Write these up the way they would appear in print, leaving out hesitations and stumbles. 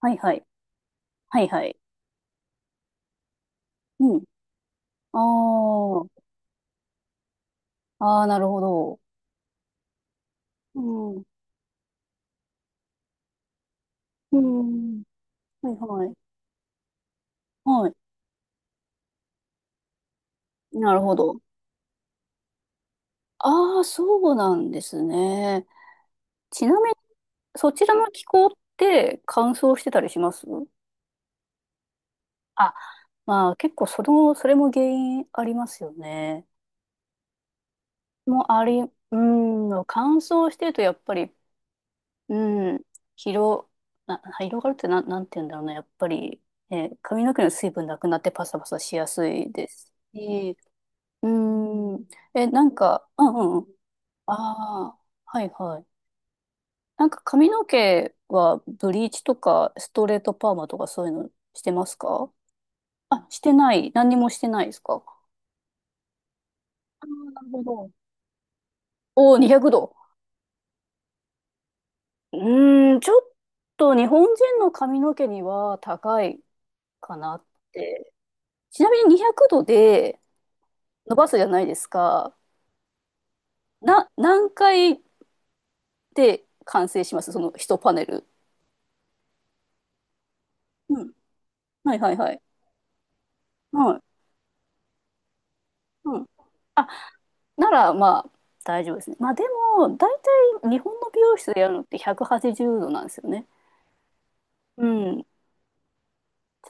はいはい。はいはい。うん。ああ。ああ、なるほど。うん。うん。はいはい。はい。なるほど。ああ、そうなんですね。ちなみに、そちらの気候って乾燥してたりします？あ、まあ結構それも、それも原因ありますよね。もうあり、うん、乾燥してるとやっぱり、うん。広、広がるってなん、て言うんだろうな。やっぱり、髪の毛の水分なくなってパサパサしやすいですし。うん。え、なんか、うんうんうん。ああ、はいはい。なんか髪の毛はブリーチとかストレートパーマとかそういうのしてますか？あ、してない。何にもしてないですか？あーなるほど。おお、200度。うーん、ちょっと日本人の髪の毛には高いかなって。ちなみに200度で伸ばすじゃないですか。何回で完成します、その一パネル？うん。はいはいはい。はい。うん。あ、ならまあ大丈夫ですね。まあでも、大体日本の美容室でやるのって180度なんですよね。うん。ち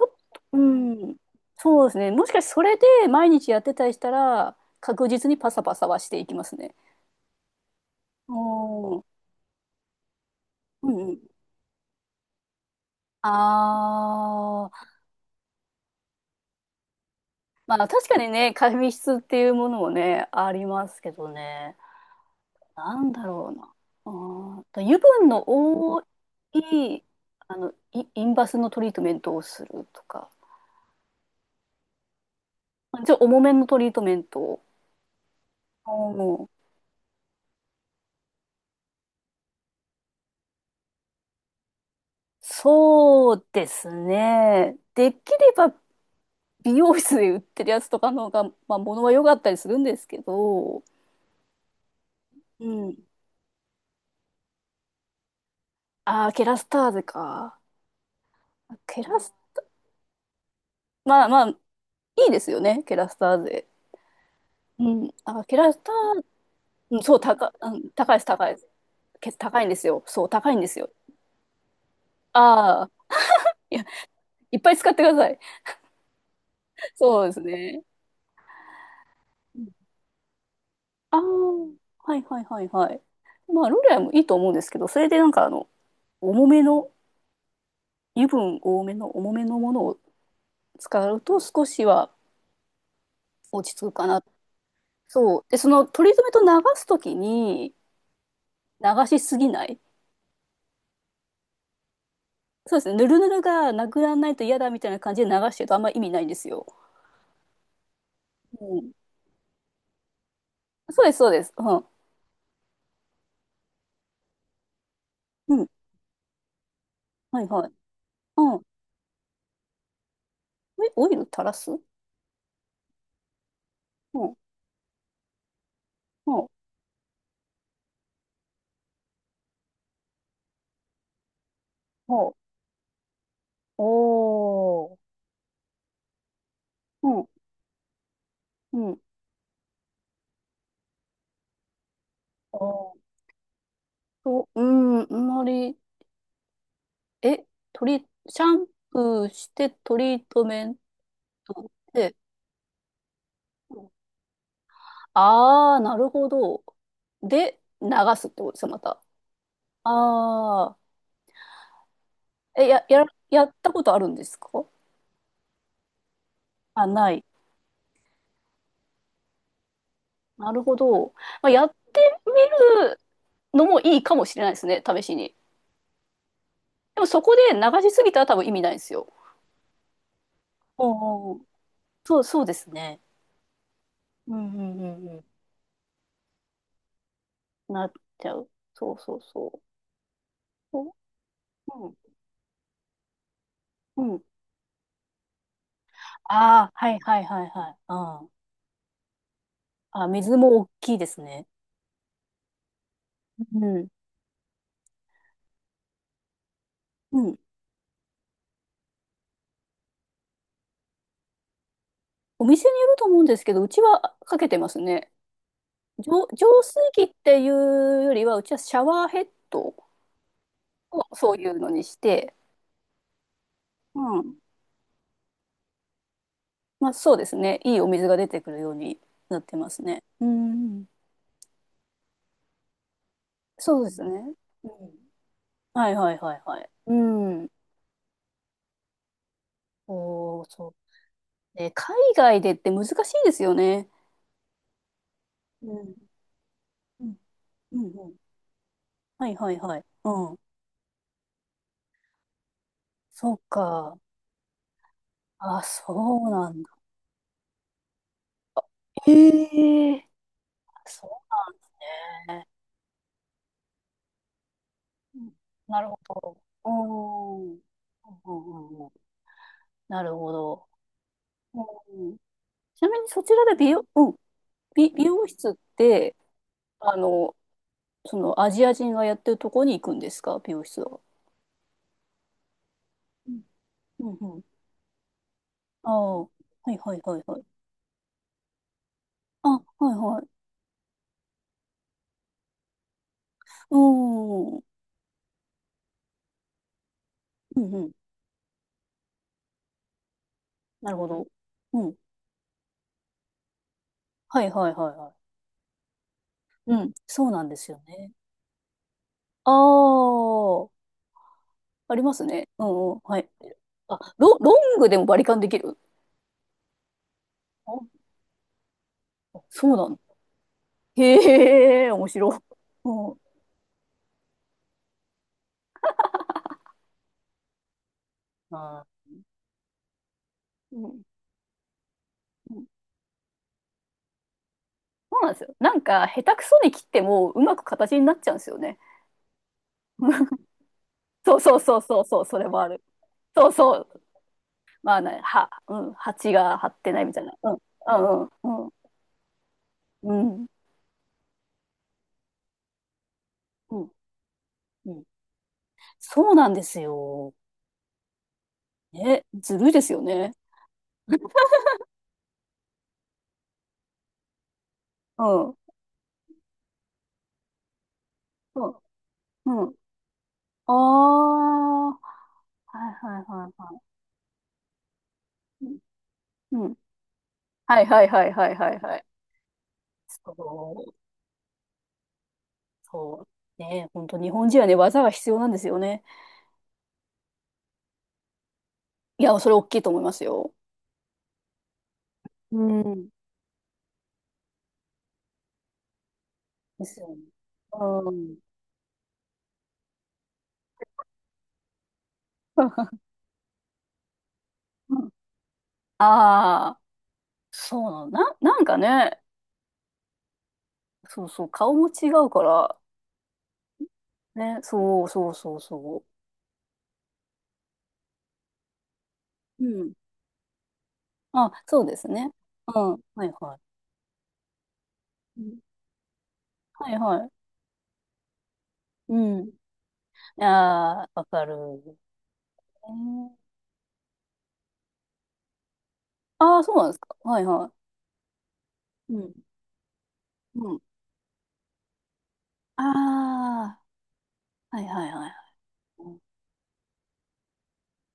ょっと、うん。そうですね。もしかしてそれで毎日やってたりしたら、確実にパサパサはしていきますね。おー。うんうん。あー。まあ確かにね、紙質っていうものもね、ありますけどね。なんだろうな。あーと油分の多い、あの、インバスのトリートメントをするとか、ちょっと重めのトリートメントを。うん。そうですね。できれば美容室で売ってるやつとかの方が、まあ、物は良かったりするんですけど、うん。ああ、ケラスターゼか。ケラス、まあまあ、いいですよね、ケラスターゼ。うん、あ、キラスター、うん、そう、高、うん、高いです、高いです。高いんですよ。そう、高いんですよ。ああ、いや、いっぱい使ってください。そうですね。ああー、はいはいはいはい。まあ、ロレアもいいと思うんですけど、それでなんかあの、重めの、油分多めの重めのものを使うと少しは落ち着くかな。そう。で、そのトリートメント流すときに流しすぎない。そうですね。ぬるぬるがなくならないと嫌だみたいな感じで流してるとあんま意味ないんですよ。うん、そうです、そうです。うん。うん。はい、はい。うん。え、オイル垂らす、うん。うん。うん。おー。うん。うん。あーと、うん、あんまり、え、シャンプーしてトリートメントで、ああー、なるほど。で、流すってことですよ、また。ああ、え、やったことあるんですか？あ、ない。なるほど。まあ、やってみるのもいいかもしれないですね、試しに。でもそこで流しすぎたら多分意味ないんですよ。おうおうおう、そう、そうですね。うんうんうんうん。なっちゃう。そうそうそう。おうん。うん。ああ、はいはいはいはい。ああ、あ、水も大きいですね。うん。うん。お店によると思うんですけど、うちはかけてますね。浄水器っていうよりは、うちはシャワーヘッドをそういうのにして、うん。まあそうですね。いいお水が出てくるようになってますね。うん。そうですね。うん、はいはいはいはい。うん。おー、そう。ね、海外でって難しいですよね。うん。うん。うんうん。はいはいはい。うん。そうか。あ、そうなんだ。ええ、そうね。うん、なるほど。うん。うんうんうん。なるほど。うん。ちなみにそちらで美容、うん。美容室って、あの、そのアジア人がやってるとこに行くんですか、美容室は？うんうん、ああ、はいはいはいはい。あ、はいはい。うーん。うんうん。なるほど。うん。はいはいはいはい。うん。そうなんですよね。ああ、ありますね。うんうん。はい。あ、ロングでもバリカンできる？あ、そうなんだ。へえ、面白い。うん。あー、うん。うん、そうなんですよ。なんか、下手くそに切ってもうまく形になっちゃうんですよね。そうそうそうそうそう、それもある。そうそう、まあ、な、は、うん、蜂が張ってないみたいな。うん、うんうん、うん、うん、うん、うん、そうなんですよ。ね、ずるいですよね。うん、うん、うん。ああ、はいはいはいはい。うん、うん、はいはいはいはいはいはい。そう、そう。ね、本当日本人はね、技が必要なんですよね。いや、それ大きいと思いますよ。うん。ですよね。うん。ああ、そうなの。なんかね、そうそう、顔も違うから、ね、そうそうそうそう。うん。あ、そうですね。うん。はいはい。うん、はいはい。うん。ああ、わかる。えー、あー、そうなんですか。はいはい。うん。うん。ああ、はいはいはい。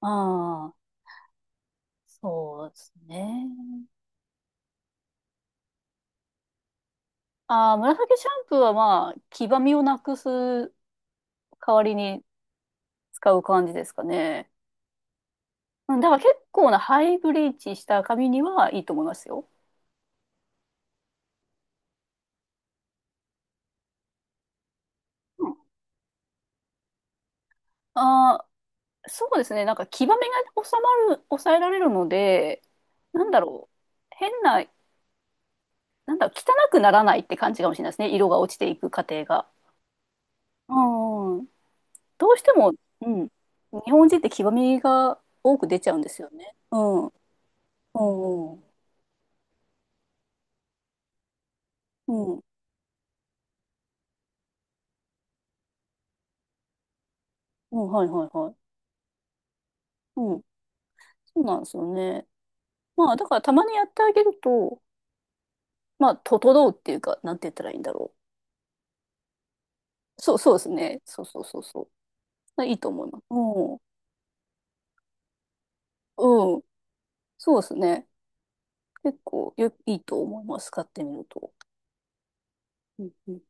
ああ、そうですね。ああ、紫シャンプーはまあ、黄ばみをなくす代わりに使う感じですかね。うん、だから結構なハイブリーチした髪にはいいと思いますよ。ああ、そうですね。なんか、黄ばみが収まる、抑えられるので、なんだろう。変な、なんだろう、汚くならないって感じかもしれないですね。色が落ちていく過程が。うん。どうしても、うん。日本人って黄ばみが多く出ちゃうんですよね。うん。うん。うん。うん。うん、はいはいはい。うん。そうなんですよね。まあ、だからたまにやってあげると、まあ、整うっていうか、なんて言ったらいいんだろう。そう、そうですね。そうそうそうそう。いいと思います。うん。うん。そうですね。結構よ、いいと思います、買ってみると。うんうん